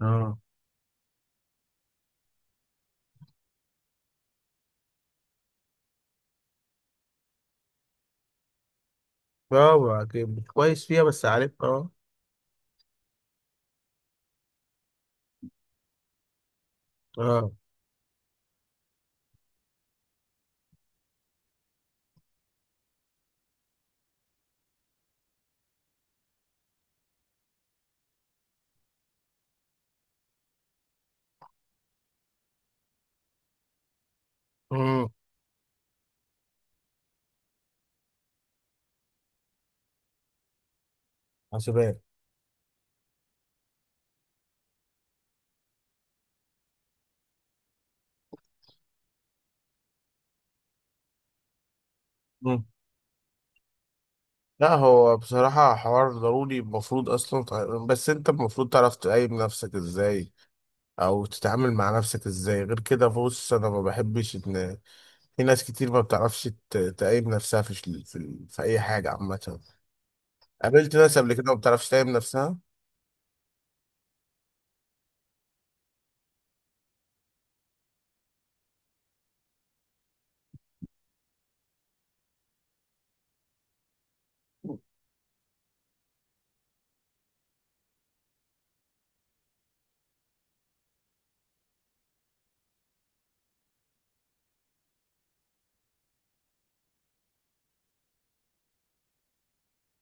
اه. برافو عليك، كويس فيها، بس عارف، اه اه. امم. حاسبات. مم. لا، هو بصراحة حوار ضروري، المفروض أصلا بس أنت المفروض تعرف تقيم نفسك إزاي، أو تتعامل مع نفسك إزاي. غير كده، بص، أنا ما بحبش إن في ناس كتير ما بتعرفش تقيم نفسها في في أي حاجة عامة. قابلت ناس قبل كده ما بتعرفش تقيم نفسها.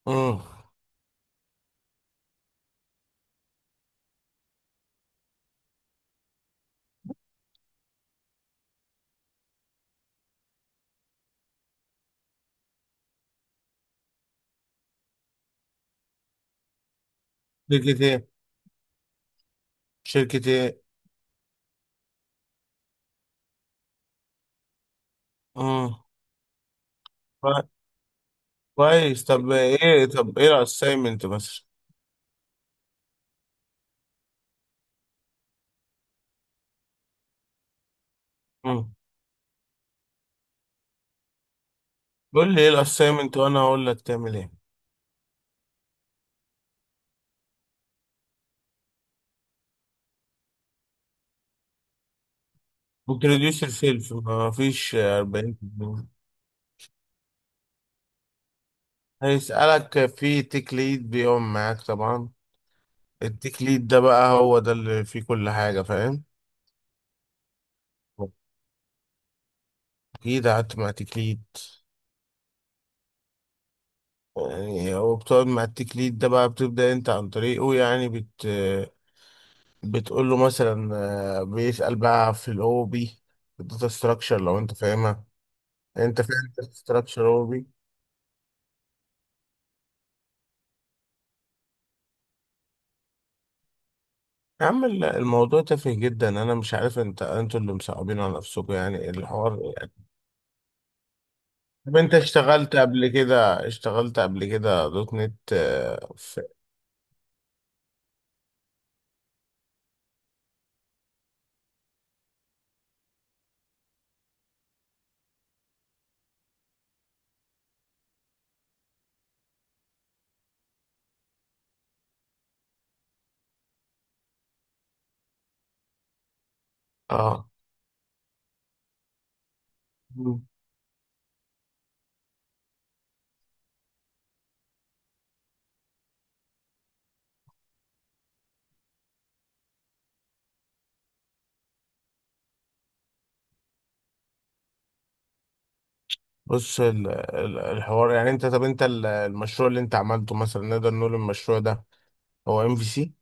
امم. شركة ايه؟ شركة ايه؟ امم. كويس، طب ايه الاسايمنت مثلا؟ مم. قول لي ايه الاسايمنت وانا اقول لك تعمل ايه. بتريديوس سيلف، ما فيش 40%. هيسألك في تيك ليد بيقوم معاك طبعا. التيك ليد ده بقى هو ده اللي فيه كل حاجة، فاهم؟ اكيد قعدت مع تيك ليد. يعني هو بتقعد مع التيك ليد ده بقى بتبدأ انت عن طريقه، يعني بتقول له مثلا، بيسأل بقى في الاو بي، الداتا ستراكشر، لو انت فاهمها. انت فاهم الاستراكشر اوبي؟ يا عم، الموضوع تافه جدا، انا مش عارف انتوا اللي مصعبين على نفسكم يعني الحوار يعني. طب انت اشتغلت قبل كده دوت نت؟ اه في. اه. مم. بص، الحوار يعني انت، طب انت المشروع اللي انت عملته مثلا، نقدر نقول المشروع ده هو ام في سي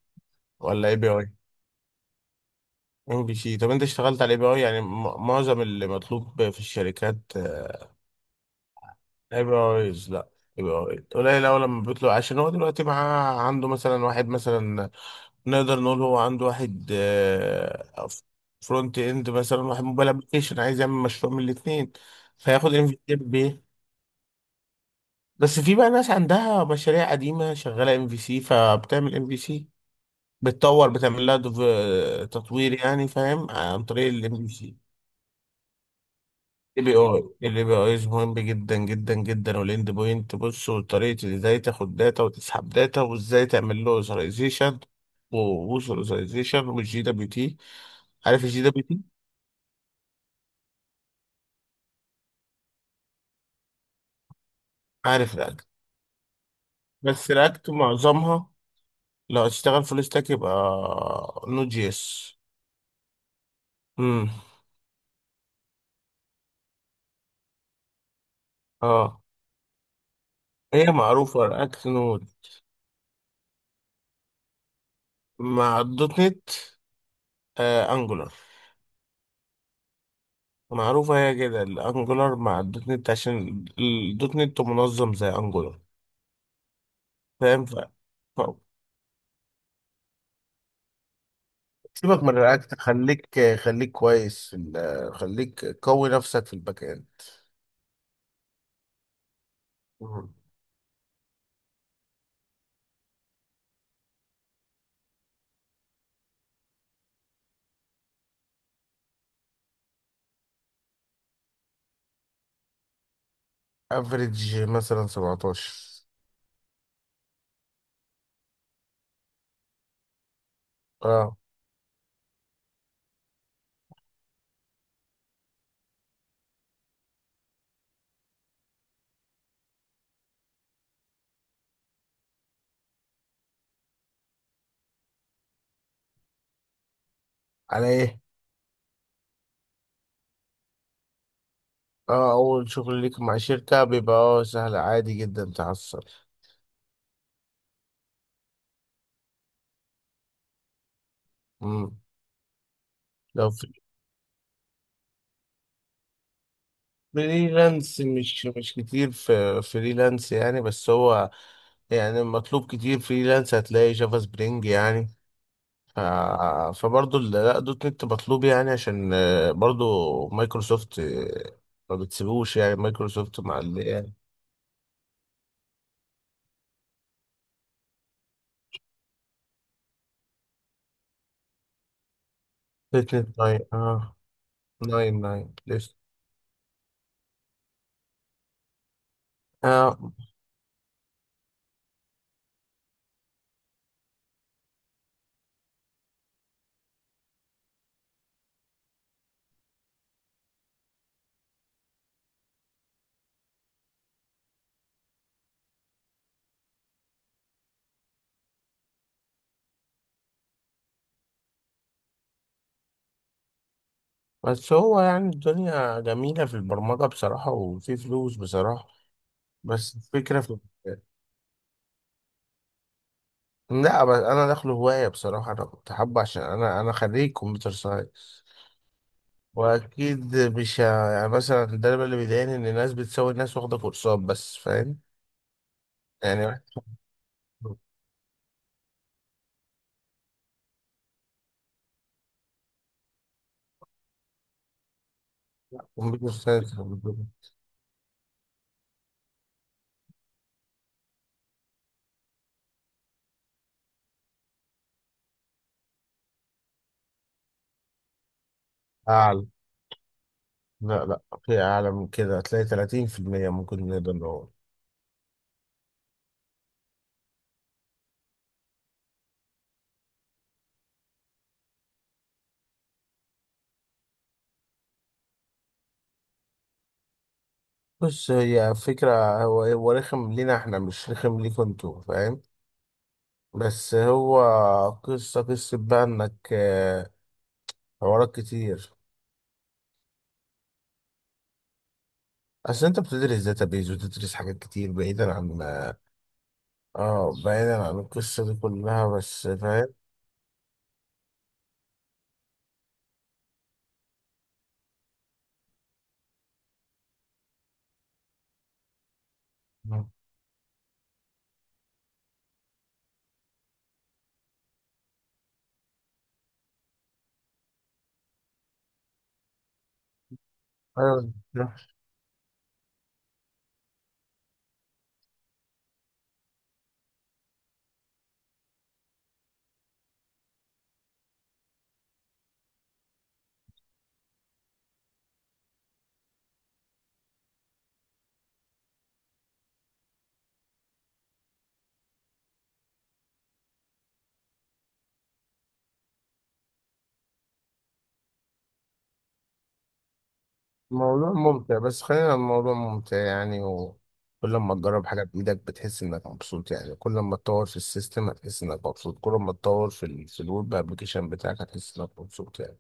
ولا اي بي اي؟ ام في سي. طب انت اشتغلت على اي بي اي يعني؟ معظم اللي مطلوب في الشركات. ابراهيم، لا. ابراهيم قليل أوي لما بيطلع، عشان هو دلوقتي معاه، عنده مثلا واحد مثلا، نقدر نقول هو عنده واحد فرونت اند، مثلا واحد موبايل ابلكيشن، عايز يعمل مشروع من الاثنين، فياخد ام في سي بايه؟ بس في بقى ناس عندها مشاريع قديمة شغالة ام في سي، فبتعمل ام في سي، بتطور، بتعمل لها تطوير، يعني فاهم، عن طريق الام في سي. الاي بي اي مهم جدا جدا جدا، والاند بوينت. بص، وطريقه ازاي تاخد داتا وتسحب داتا، وازاي تعمل له اوثرايزيشن، ووصل اوثرايزيشن والجي دبليو تي. عارف الجي دبليو تي؟ عارف رياكت؟ بس رياكت معظمها، لو هتشتغل فول ستاك يبقى نود جي اس. امم. اه. هي معروفه، رياكت نود. مع الدوت نت، انجولار. معروفه هي كده الانجولار مع الدوت نت، عشان الدوت نت منظم زي انجولار، فاهم؟ ف- سيبك من الرياكت، خليك قوي نفسك في الباك اند. افريج مثلا 17. اه. على ايه؟ اه، اول شغل ليك مع شركة بيبقى سهل، عادي جدا تحصل. مم. لو في فريلانس، مش كتير في فريلانس يعني. بس هو يعني مطلوب كتير فريلانس، هتلاقي جافا سبرينج يعني. ف- فبرضه لا، دوت نت مطلوب يعني، عشان برضه مايكروسوفت، ما بتسيبوش يعني، مايكروسوفت مع ال يعني. دوت نت ناين، اه. ناين ناين لسه. آه. بس هو يعني الدنيا جميلة في البرمجة بصراحة، وفي فلوس بصراحة. بس الفكرة في. لا، بس أنا داخله هواية بصراحة، أنا كنت حابه، عشان أنا خريج كمبيوتر ساينس، وأكيد مش يعني، مثلا ده اللي بيضايقني، إن الناس بتساوي الناس واخدة كورسات بس، فاهم؟ يعني كمبيوتر ساينس. أعلى. لا لا، في أعلى من كده، هتلاقي 30% ممكن نقدر نقول. بص، هي فكرة، هو رخم لينا احنا، مش رخم ليكم انتوا، فاهم؟ بس هو، قصة بقى انك، حوارات كتير. أصل أنت بتدرس داتابيز وتدرس حاجات كتير بعيدا عن، اه بعيدا عن القصة دي كلها، بس فاهم. أيوة. الموضوع ممتع، بس خلينا الموضوع ممتع يعني، وكل ما تجرب حاجة بإيدك بتحس إنك مبسوط يعني، كل ما تطور في السيستم هتحس إنك مبسوط، كل ما تطور في ال في الويب أبلكيشن بتاعك هتحس إنك مبسوط يعني.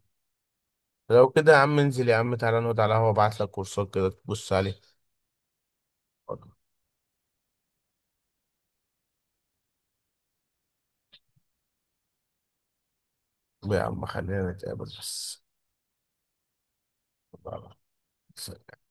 لو كده يا عم انزل، يا عم تعالى نقعد على القهوة، أبعت لك كورسات كده تبص عليها. يا عم خلينا نتقابل بس. يلا، سلام.